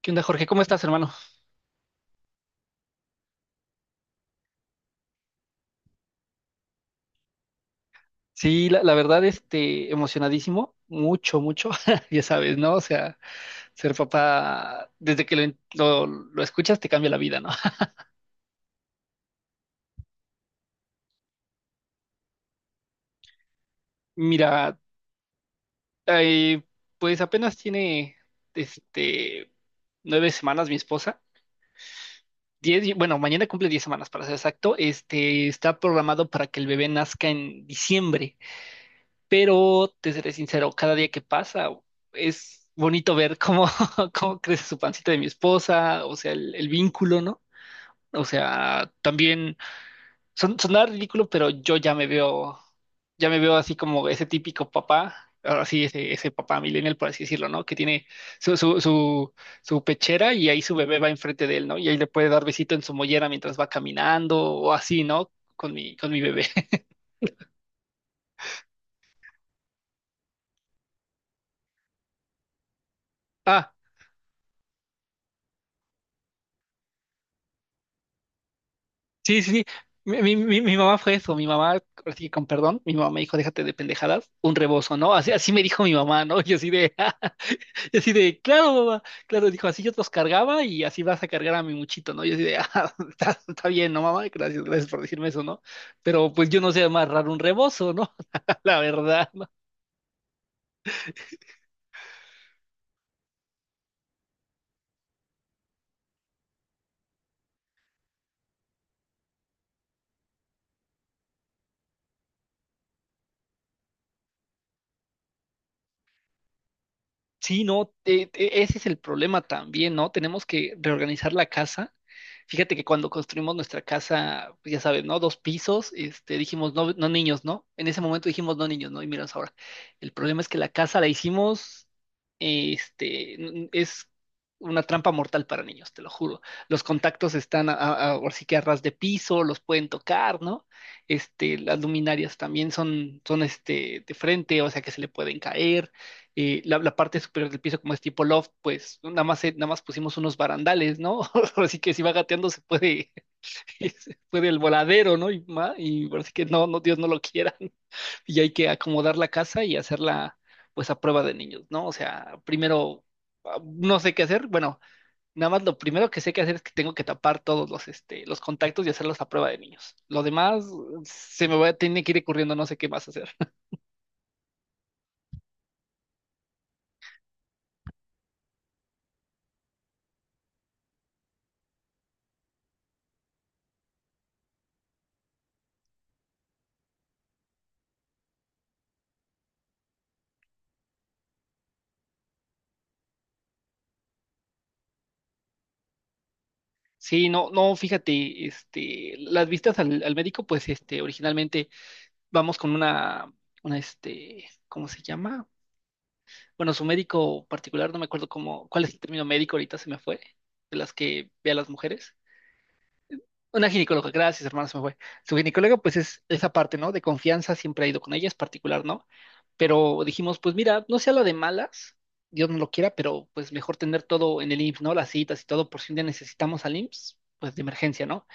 ¿Qué onda, Jorge? ¿Cómo estás, hermano? Sí, la verdad, emocionadísimo, mucho, mucho, ya sabes, ¿no? O sea, ser papá, desde que lo escuchas, te cambia la vida, ¿no? Mira, eh, pues apenas tiene, este, nueve semanas mi esposa, diez, bueno, mañana cumple diez semanas, para ser exacto. este, está programado para que el bebé nazca en diciembre. Pero te seré sincero, cada día que pasa es bonito ver cómo, cómo crece su pancita de mi esposa, o sea, el vínculo, ¿no? O sea, también sonaba ridículo, pero yo ya me veo así como ese típico papá, ahora sí, ese papá millennial, por así decirlo, ¿no? Que tiene su, su, su, su pechera y ahí su bebé va enfrente de él, ¿no? Y ahí le puede dar besito en su mollera mientras va caminando o así, ¿no? Con mi bebé. Ah. Sí, sí, sí. Mi mamá fue eso, mi mamá, ahora sí que con perdón, mi mamá me dijo, déjate de pendejadas, un rebozo, ¿no? Así me dijo mi mamá, ¿no? Y así de, claro, mamá, claro, dijo, así yo te los cargaba y así vas a cargar a mi muchito, ¿no? Y así de, ah, está bien, ¿no, mamá? Gracias, gracias por decirme eso, ¿no? Pero pues yo no sé amarrar un rebozo, ¿no? La verdad, sí, no, ese es el problema también, ¿no? Tenemos que reorganizar la casa. Fíjate que cuando construimos nuestra casa, pues ya sabes, ¿no? Dos pisos, dijimos no niños, ¿no? En ese momento dijimos no niños, ¿no? Y miras ahora. El problema es que la casa la hicimos, es una trampa mortal para niños, te lo juro. Los contactos están ahora sí que a ras de piso, los pueden tocar, ¿no? Las luminarias también son de frente, o sea que se le pueden caer la parte superior del piso, como es tipo loft, pues nada más, nada más pusimos unos barandales, ¿no? Así que si va gateando se puede, se puede el voladero, ¿no? Y, y parece que no, no, Dios no lo quiera. Y hay que acomodar la casa y hacerla, pues, a prueba de niños, ¿no? O sea, primero, no sé qué hacer. Bueno, nada más lo primero que sé que hacer es que tengo que tapar todos los contactos y hacerlos a prueba de niños. Lo demás, se me va, tiene que ir ocurriendo, no sé qué más hacer. Sí, no, no, fíjate, las vistas al médico, pues, originalmente vamos con una, ¿cómo se llama? Bueno, su médico particular, no me acuerdo cómo, cuál es el término médico, ahorita se me fue, de las que ve a las mujeres. Una ginecóloga, gracias, hermano, se me fue. Su ginecóloga, pues, es esa parte, ¿no? De confianza, siempre ha ido con ella, es particular, ¿no? Pero dijimos, pues, mira, no sea la de malas, Dios no lo quiera, pero, pues, mejor tener todo en el IMSS, ¿no? Las citas y todo, por si un día necesitamos al IMSS, pues, de emergencia, ¿no?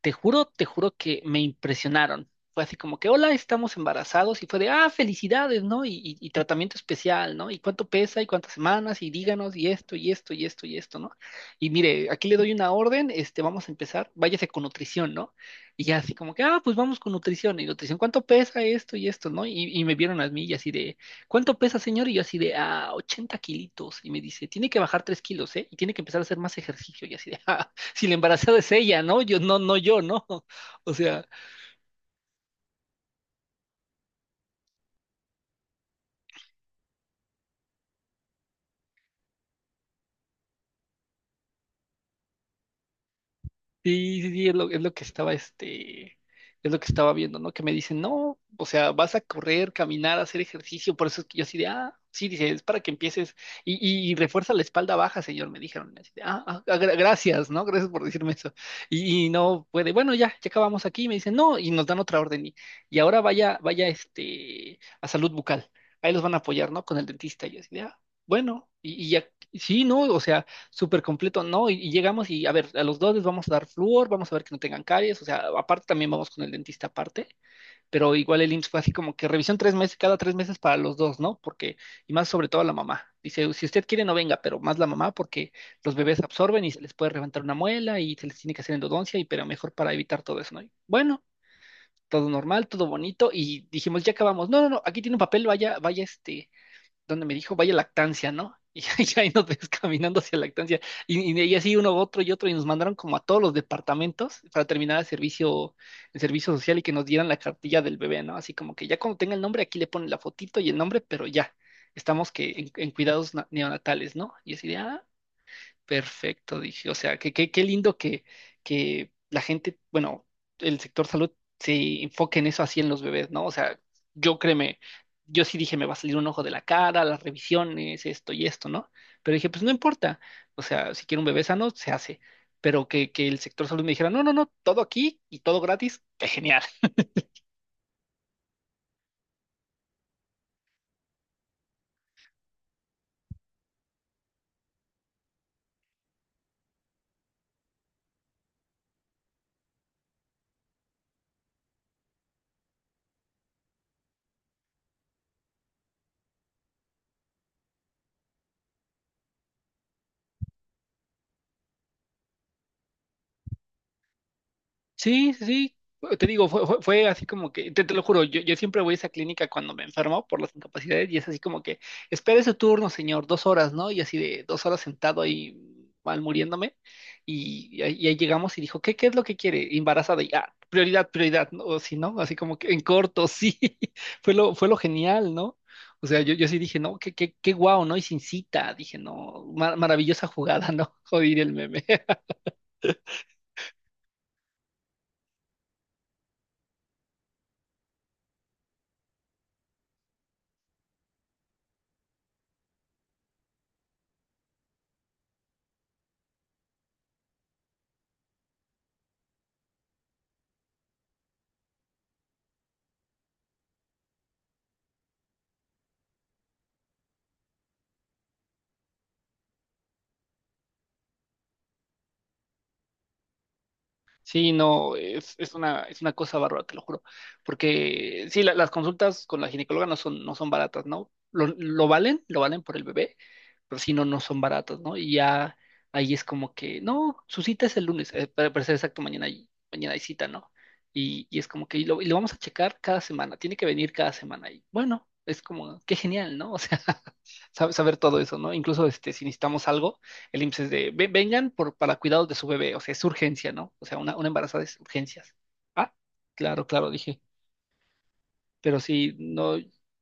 Te juro que me impresionaron. Fue así como que, hola, estamos embarazados, y fue de, felicidades, ¿no? Y tratamiento especial, ¿no? Y cuánto pesa y cuántas semanas y díganos y esto y esto y esto y esto, ¿no? Y mire, aquí le doy una orden, vamos a empezar, váyase con nutrición, ¿no? Y ya así como que, pues vamos con nutrición, y nutrición, ¿cuánto pesa esto y esto, ¿no? Y me vieron a mí y así de, ¿cuánto pesa, señor? Y yo así de, 80 kilitos. Y me dice, tiene que bajar 3 kilos, ¿eh? Y tiene que empezar a hacer más ejercicio. Y así de, si la embarazada es ella, ¿no? Yo, no, no yo, ¿no? O sea, sí, sí, sí, es lo que estaba viendo, ¿no? Que me dicen, no, o sea, vas a correr, caminar, hacer ejercicio, por eso es que yo así de, sí, dice, es para que empieces, y refuerza la espalda baja, señor, me dijeron, así de, gracias, ¿no? Gracias por decirme eso. Y no puede, bueno, ya, acabamos aquí, me dicen, no, y nos dan otra orden, y ahora vaya, a salud bucal, ahí los van a apoyar, ¿no? Con el dentista, y yo así de, bueno, y ya, sí, ¿no? O sea, súper completo, ¿no? Y llegamos y, a ver, a los dos les vamos a dar flúor, vamos a ver que no tengan caries, o sea, aparte también vamos con el dentista aparte, pero igual el IMSS fue así como que revisión tres meses, cada tres meses para los dos, ¿no? Porque, y más sobre todo a la mamá. Dice, si usted quiere no venga, pero más la mamá porque los bebés absorben y se les puede reventar una muela y se les tiene que hacer endodoncia, y pero mejor para evitar todo eso, ¿no? Y bueno, todo normal, todo bonito, y dijimos, ya acabamos. No, no, no, aquí tiene un papel, vaya, donde me dijo, vaya lactancia, ¿no? Y ahí nos ves caminando hacia lactancia. Y así uno, otro y otro, y nos mandaron como a todos los departamentos para terminar el servicio, social y que nos dieran la cartilla del bebé, ¿no? Así como que ya cuando tenga el nombre, aquí le ponen la fotito y el nombre, pero ya, estamos que en, cuidados neonatales, ¿no? Y así de, perfecto, dije. O sea, qué lindo que la gente, bueno, el sector salud se enfoque en eso, así en los bebés, ¿no? O sea, yo, créeme, yo sí dije, me va a salir un ojo de la cara, las revisiones, esto y esto, ¿no? Pero dije, pues no importa. O sea, si quiero un bebé sano, se hace. Pero que el sector salud me dijera, no, no, no, todo aquí y todo gratis, qué genial. Sí, sí, sí. Te digo, fue, fue así como que, te lo juro, yo siempre voy a esa clínica cuando me enfermo por las incapacidades y es así como que, espere su turno, señor, dos horas, ¿no? Y así de dos horas sentado ahí mal muriéndome, y ahí llegamos y dijo, qué es lo que quiere? Embarazada. Y, prioridad, prioridad, ¿no? O sí no, así como que en corto, sí, fue lo genial, ¿no? O sea, yo sí dije, no, qué guau, ¿no? Y sin cita, dije, no, maravillosa jugada, ¿no? Joder, el meme. Sí, no, es, es una cosa bárbara, te lo juro. Porque sí, las consultas con la ginecóloga no son baratas, ¿no? Lo valen, lo valen por el bebé, pero sí, no, no son baratas, ¿no? Y ya ahí es como que, no, su cita es el lunes, para, ser exacto, mañana hay cita, ¿no? Y es como que y lo vamos a checar cada semana, tiene que venir cada semana. Y bueno, es como, qué genial, ¿no? O sea, saber todo eso, ¿no? Incluso, si necesitamos algo. El IMSS es de, vengan para cuidados de su bebé", o sea, es urgencia, ¿no? O sea, una, embarazada es urgencias. Ah, claro, claro, dije, pero sí, no,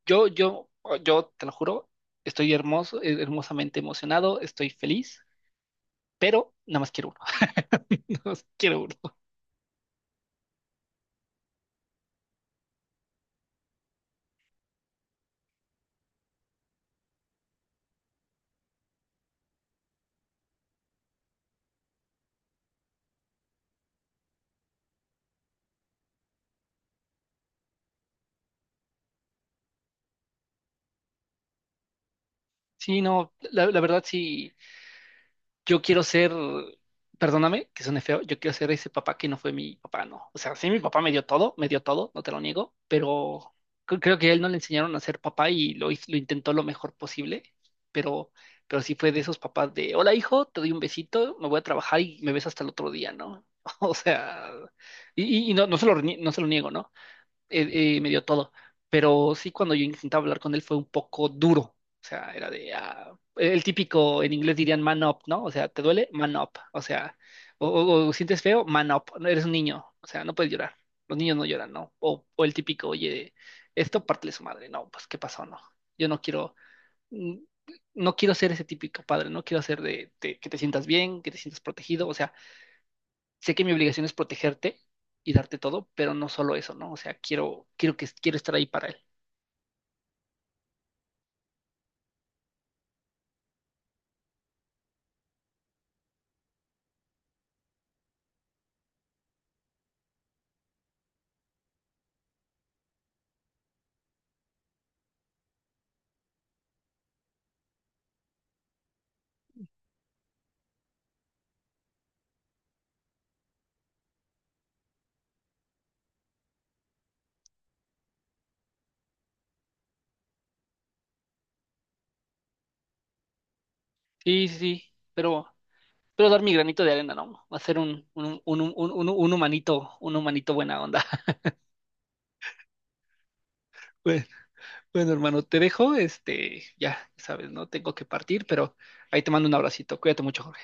yo, yo, yo te lo juro, estoy hermoso, hermosamente emocionado, estoy feliz, pero nada más quiero uno, nada más quiero uno. Sí, no, la verdad sí, yo quiero ser, perdóname que suene feo, yo quiero ser ese papá que no fue mi papá, no. O sea, sí, mi papá me dio todo, no te lo niego, pero creo que a él no le enseñaron a ser papá y lo intentó lo mejor posible, pero, sí fue de esos papás de, hola hijo, te doy un besito, me voy a trabajar y me ves hasta el otro día, ¿no? O sea, y, no se lo, no se lo niego, ¿no? Me dio todo. Pero sí, cuando yo intentaba hablar con él fue un poco duro. O sea, era de, el típico, en inglés dirían man up, ¿no? O sea, ¿te duele? Man up. O sea, o sientes feo, man up. No eres un niño. O sea, no puedes llorar. Los niños no lloran, ¿no? O el típico, oye, esto parte de su madre. No, pues, ¿qué pasó? No. Yo no quiero, mm, no quiero ser ese típico padre. No quiero ser de, que te sientas bien, que te sientas protegido. O sea, sé que mi obligación es protegerte y darte todo, pero no solo eso, ¿no? O sea, quiero estar ahí para él. Sí, sí, sí, pero, dar mi granito de arena, ¿no? Hacer un humanito, un humanito buena onda. Bueno, bueno, hermano, te dejo, ya sabes, ¿no? Tengo que partir, pero ahí te mando un abracito. Cuídate mucho, Jorge.